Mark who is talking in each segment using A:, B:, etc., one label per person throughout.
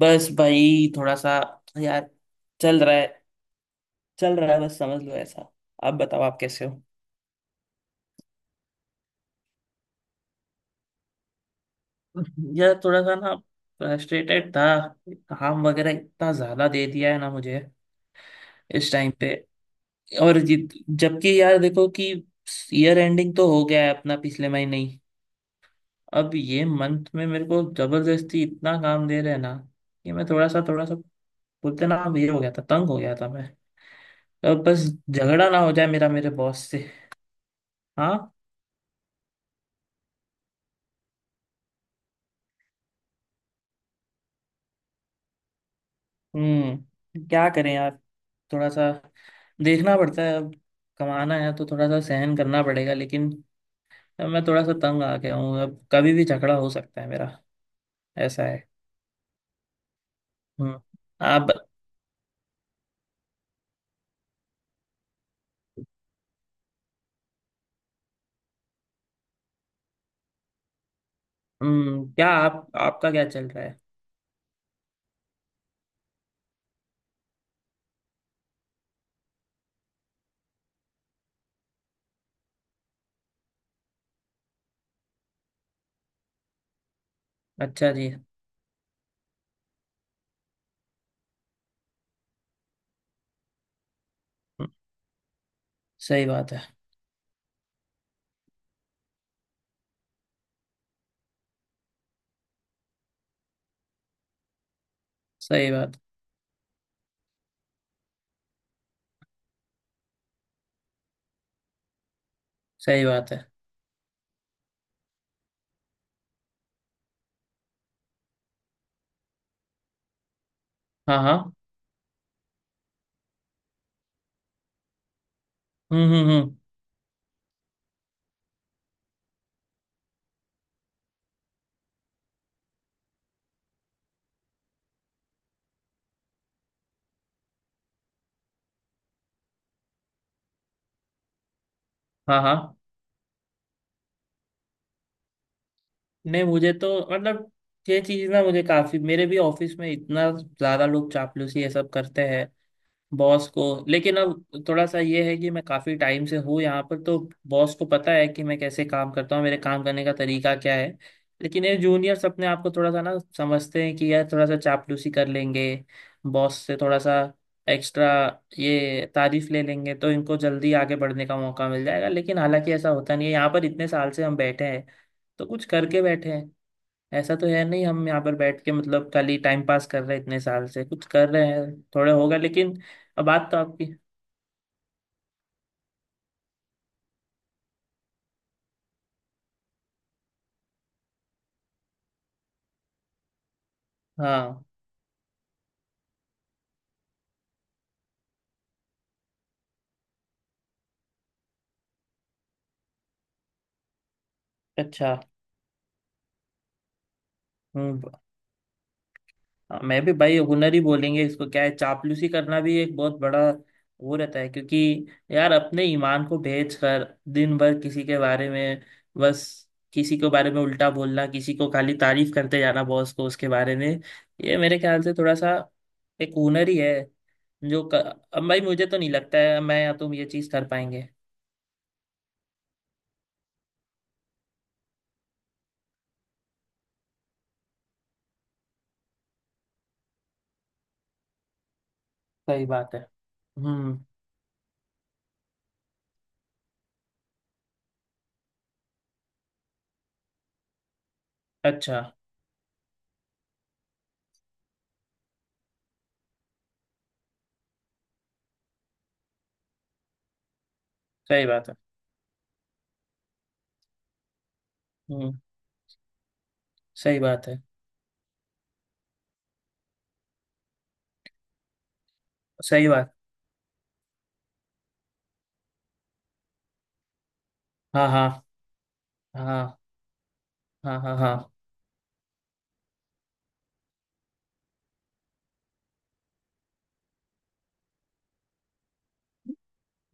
A: बस भाई थोड़ा सा यार चल रहा है। चल रहा है बस, समझ लो ऐसा। आप बताओ, आप कैसे हो? यार थोड़ा सा ना फ्रस्ट्रेटेड था। काम वगैरह इतना ज्यादा दे दिया है ना मुझे इस टाइम पे। और जबकि यार देखो कि ईयर एंडिंग तो हो गया है अपना पिछले महीने ही। अब ये मंथ में मेरे को जबरदस्ती इतना काम दे रहे हैं ना कि मैं थोड़ा सा बोलते ना, ये हो गया था, तंग हो गया था मैं। अब बस झगड़ा ना हो जाए मेरा मेरे बॉस से। हाँ। हम्म, क्या करें यार, थोड़ा सा देखना पड़ता है अब। कमाना है तो थोड़ा सा सहन करना पड़ेगा, लेकिन अब मैं थोड़ा सा तंग आ गया हूँ। अब कभी भी झगड़ा हो सकता है मेरा, ऐसा है। हम्म। आप। हम्म, क्या आप आपका क्या चल रहा है? अच्छा जी। हम्म। सही बात है। सही बात। सही बात है। हाँ हाँ। हम्म। हाँ हाँ। नहीं, मुझे तो मतलब ये चीज़ ना, मुझे काफ़ी, मेरे भी ऑफिस में इतना ज़्यादा लोग चापलूसी ये सब करते हैं बॉस को। लेकिन अब थोड़ा सा ये है कि मैं काफी टाइम से हूँ यहाँ पर, तो बॉस को पता है कि मैं कैसे काम करता हूँ, मेरे काम करने का तरीका क्या है। लेकिन ये जूनियर्स अपने आप को थोड़ा सा ना समझते हैं कि यार थोड़ा सा चापलूसी कर लेंगे बॉस से, थोड़ा सा एक्स्ट्रा ये तारीफ ले लेंगे तो इनको जल्दी आगे बढ़ने का मौका मिल जाएगा। लेकिन हालांकि ऐसा होता नहीं है। यहाँ पर इतने साल से हम बैठे हैं तो कुछ करके बैठे हैं। ऐसा तो है नहीं हम यहाँ पर बैठ के मतलब खाली टाइम पास कर रहे हैं। इतने साल से कुछ कर रहे हैं, थोड़ा होगा लेकिन अब बात तो आपकी। हाँ। अच्छा। हम्म ब- हाँ, मैं भी भाई हुनर ही बोलेंगे इसको। क्या है, चापलूसी करना भी एक बहुत बड़ा वो रहता है, क्योंकि यार अपने ईमान को बेच कर दिन भर किसी के बारे में बस किसी के बारे में उल्टा बोलना, किसी को खाली तारीफ करते जाना बॉस को उसके बारे में, ये मेरे ख्याल से थोड़ा सा एक हुनर ही है। जो क- अब भाई मुझे तो नहीं लगता है मैं या तुम ये चीज कर पाएंगे। सही बात है। हम्म। अच्छा। सही बात है। हम्म। सही बात है। सही बात। हाँ हाँ हाँ। हाँ हाँ। हाँ।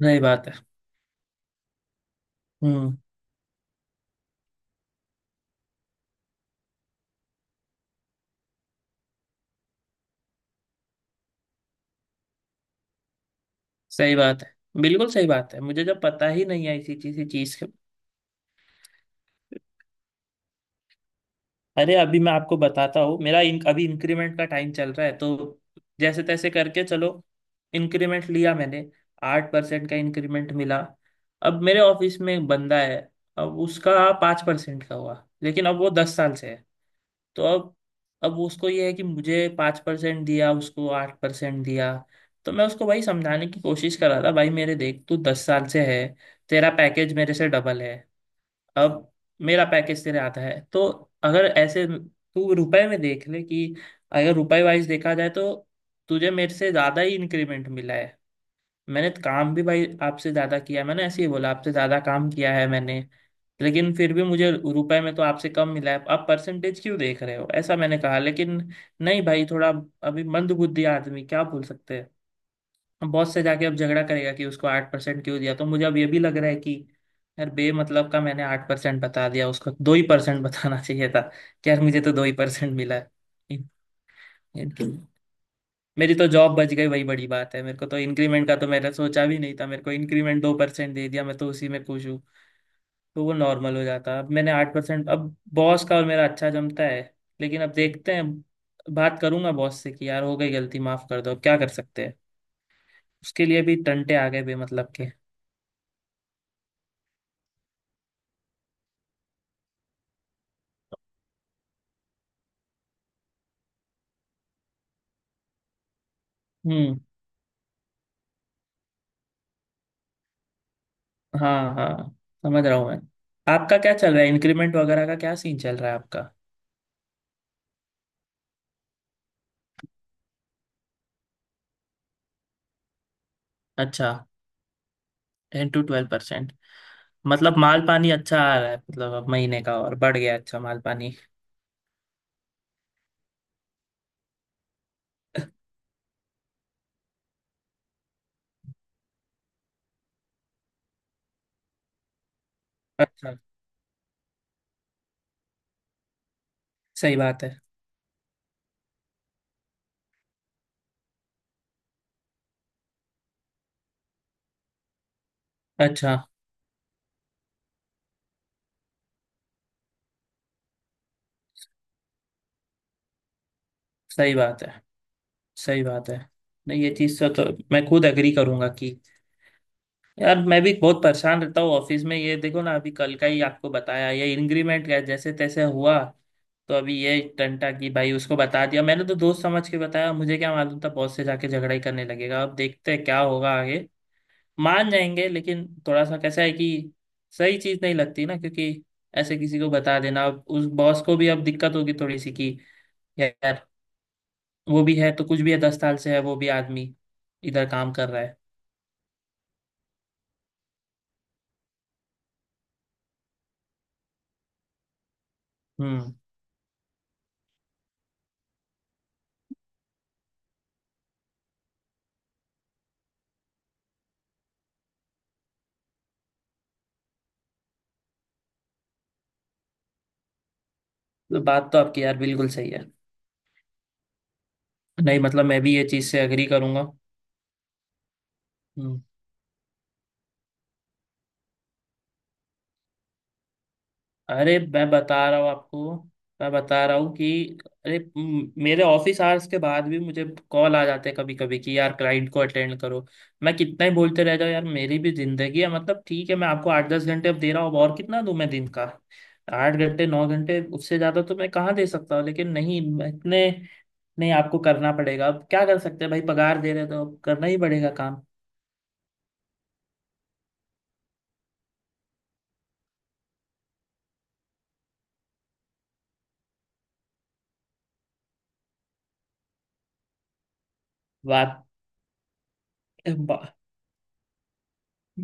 A: सही बात है। हम्म। सही बात है। बिल्कुल सही बात है। मुझे जब पता ही नहीं है इसी चीज चीज अरे, अभी मैं आपको बताता हूँ, मेरा अभी इंक्रीमेंट का टाइम चल रहा है, तो जैसे तैसे करके चलो इंक्रीमेंट लिया मैंने। 8% का इंक्रीमेंट मिला। अब मेरे ऑफिस में एक बंदा है, अब उसका 5% का हुआ, लेकिन अब वो 10 साल से है। तो अब उसको ये है कि मुझे 5% दिया, उसको 8% दिया। तो मैं उसको भाई समझाने की कोशिश कर रहा था, भाई मेरे देख तू 10 साल से है, तेरा पैकेज मेरे से डबल है। अब मेरा पैकेज तेरे आता है, तो अगर ऐसे तू रुपए में देख ले कि, अगर रुपए वाइज देखा जाए तो तुझे मेरे से ज्यादा ही इंक्रीमेंट मिला है। मैंने काम भी भाई आपसे ज्यादा किया है। मैंने ऐसे ही बोला, आपसे ज्यादा काम किया है मैंने, लेकिन फिर भी मुझे रुपए में तो आपसे कम मिला है। आप परसेंटेज क्यों देख रहे हो, ऐसा मैंने कहा। लेकिन नहीं भाई, थोड़ा अभी मंदबुद्धि आदमी क्या बोल सकते हैं, बॉस से जाके अब झगड़ा करेगा कि उसको 8% क्यों दिया। तो मुझे अब ये भी लग रहा है कि यार बेमतलब का मैंने 8% बता दिया, उसको दो ही परसेंट बताना चाहिए था कि यार मुझे तो दो ही परसेंट मिला है। इन, इनकी मेरी तो जॉब बच गई वही बड़ी बात है। मेरे को तो इंक्रीमेंट का तो मैंने सोचा भी नहीं था। मेरे को इंक्रीमेंट 2% दे दिया मैं तो उसी में खुश हूँ, तो वो नॉर्मल हो जाता। अब मैंने 8%, अब बॉस का और मेरा अच्छा जमता है, लेकिन अब देखते हैं। बात करूंगा बॉस से कि यार हो गई गलती, माफ कर दो, अब क्या कर सकते हैं। उसके लिए भी टंटे आ गए बेमतलब। हम्म। हाँ हाँ, समझ रहा हूँ मैं। आपका क्या चल रहा है, इंक्रीमेंट वगैरह का क्या सीन चल रहा है आपका? अच्छा। 10 to 12%, मतलब माल पानी अच्छा आ रहा है, मतलब अब महीने का और बढ़ गया अच्छा माल पानी। अच्छा। सही बात है। अच्छा। सही बात है। सही बात है। नहीं, ये चीज़ से तो मैं खुद एग्री करूंगा कि यार मैं भी बहुत परेशान रहता हूँ ऑफिस में। ये देखो ना, अभी कल का ही आपको बताया, ये इंक्रीमेंट का जैसे तैसे हुआ, तो अभी ये टंटा की भाई उसको बता दिया मैंने तो दोस्त समझ के। बताया मुझे क्या मालूम था बॉस से जाके झगड़ा ही करने लगेगा। अब देखते हैं क्या होगा आगे। मान जाएंगे, लेकिन थोड़ा सा कैसा है कि सही चीज नहीं लगती ना, क्योंकि ऐसे किसी को बता देना, अब उस बॉस को भी अब दिक्कत होगी थोड़ी सी कि यार वो भी है तो कुछ भी है, 10 साल से है वो भी आदमी, इधर काम कर रहा है। हम्म। तो बात तो आपकी यार बिल्कुल सही है। नहीं, मतलब मैं भी ये चीज से एग्री करूंगा। हम्म। अरे, मैं बता रहा हूँ आपको, मैं बता रहा हूँ कि अरे मेरे ऑफिस आवर्स के बाद भी मुझे कॉल आ जाते हैं कभी कभी कि यार क्लाइंट को अटेंड करो। मैं कितना ही बोलते रह जाऊँ यार, मेरी भी जिंदगी है। मतलब ठीक है, मैं आपको 8-10 घंटे अब दे रहा हूँ, अब और कितना दूं मैं दिन का? 8 घंटे 9 घंटे, उससे ज्यादा तो मैं कहाँ दे सकता हूँ। लेकिन नहीं मैं इतने, नहीं आपको करना पड़ेगा, अब क्या कर सकते हैं भाई, पगार दे रहे हैं तो अब करना ही पड़ेगा काम। बात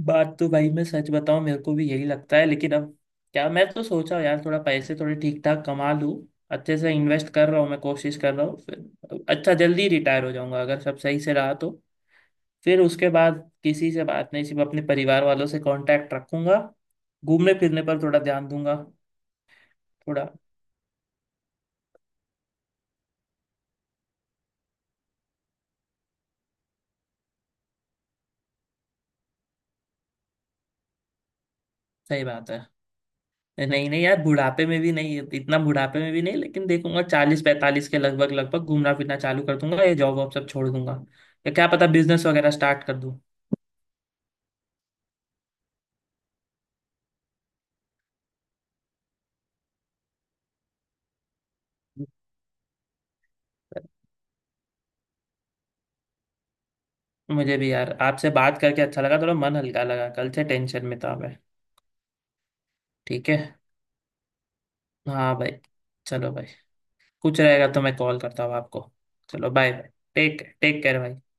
A: बात तो भाई मैं सच बताऊं मेरे को भी यही लगता है, लेकिन अब क्या, मैं तो सोचा यार थोड़ा पैसे थोड़े ठीक ठाक कमा लूं। अच्छे से इन्वेस्ट कर रहा हूँ, मैं कोशिश कर रहा हूँ, फिर अच्छा जल्दी रिटायर हो जाऊंगा अगर सब सही से रहा तो। फिर उसके बाद किसी से बात नहीं, सिर्फ अपने परिवार वालों से कांटेक्ट रखूंगा, घूमने फिरने पर थोड़ा ध्यान दूंगा। थोड़ा। सही बात है। नहीं नहीं यार, बुढ़ापे में भी नहीं, इतना बुढ़ापे में भी नहीं, लेकिन देखूंगा 40-45 के लगभग लगभग घूमना फिरना चालू कर दूंगा, ये जॉब वॉब सब छोड़ दूंगा, या क्या पता बिजनेस वगैरह स्टार्ट कर दूं। मुझे भी यार आपसे बात करके अच्छा लगा, थोड़ा मन हल्का लगा, कल से टेंशन में था मैं। ठीक है। हाँ भाई। चलो भाई, कुछ रहेगा तो मैं कॉल करता हूँ आपको। चलो, bye bye, take take care भाई।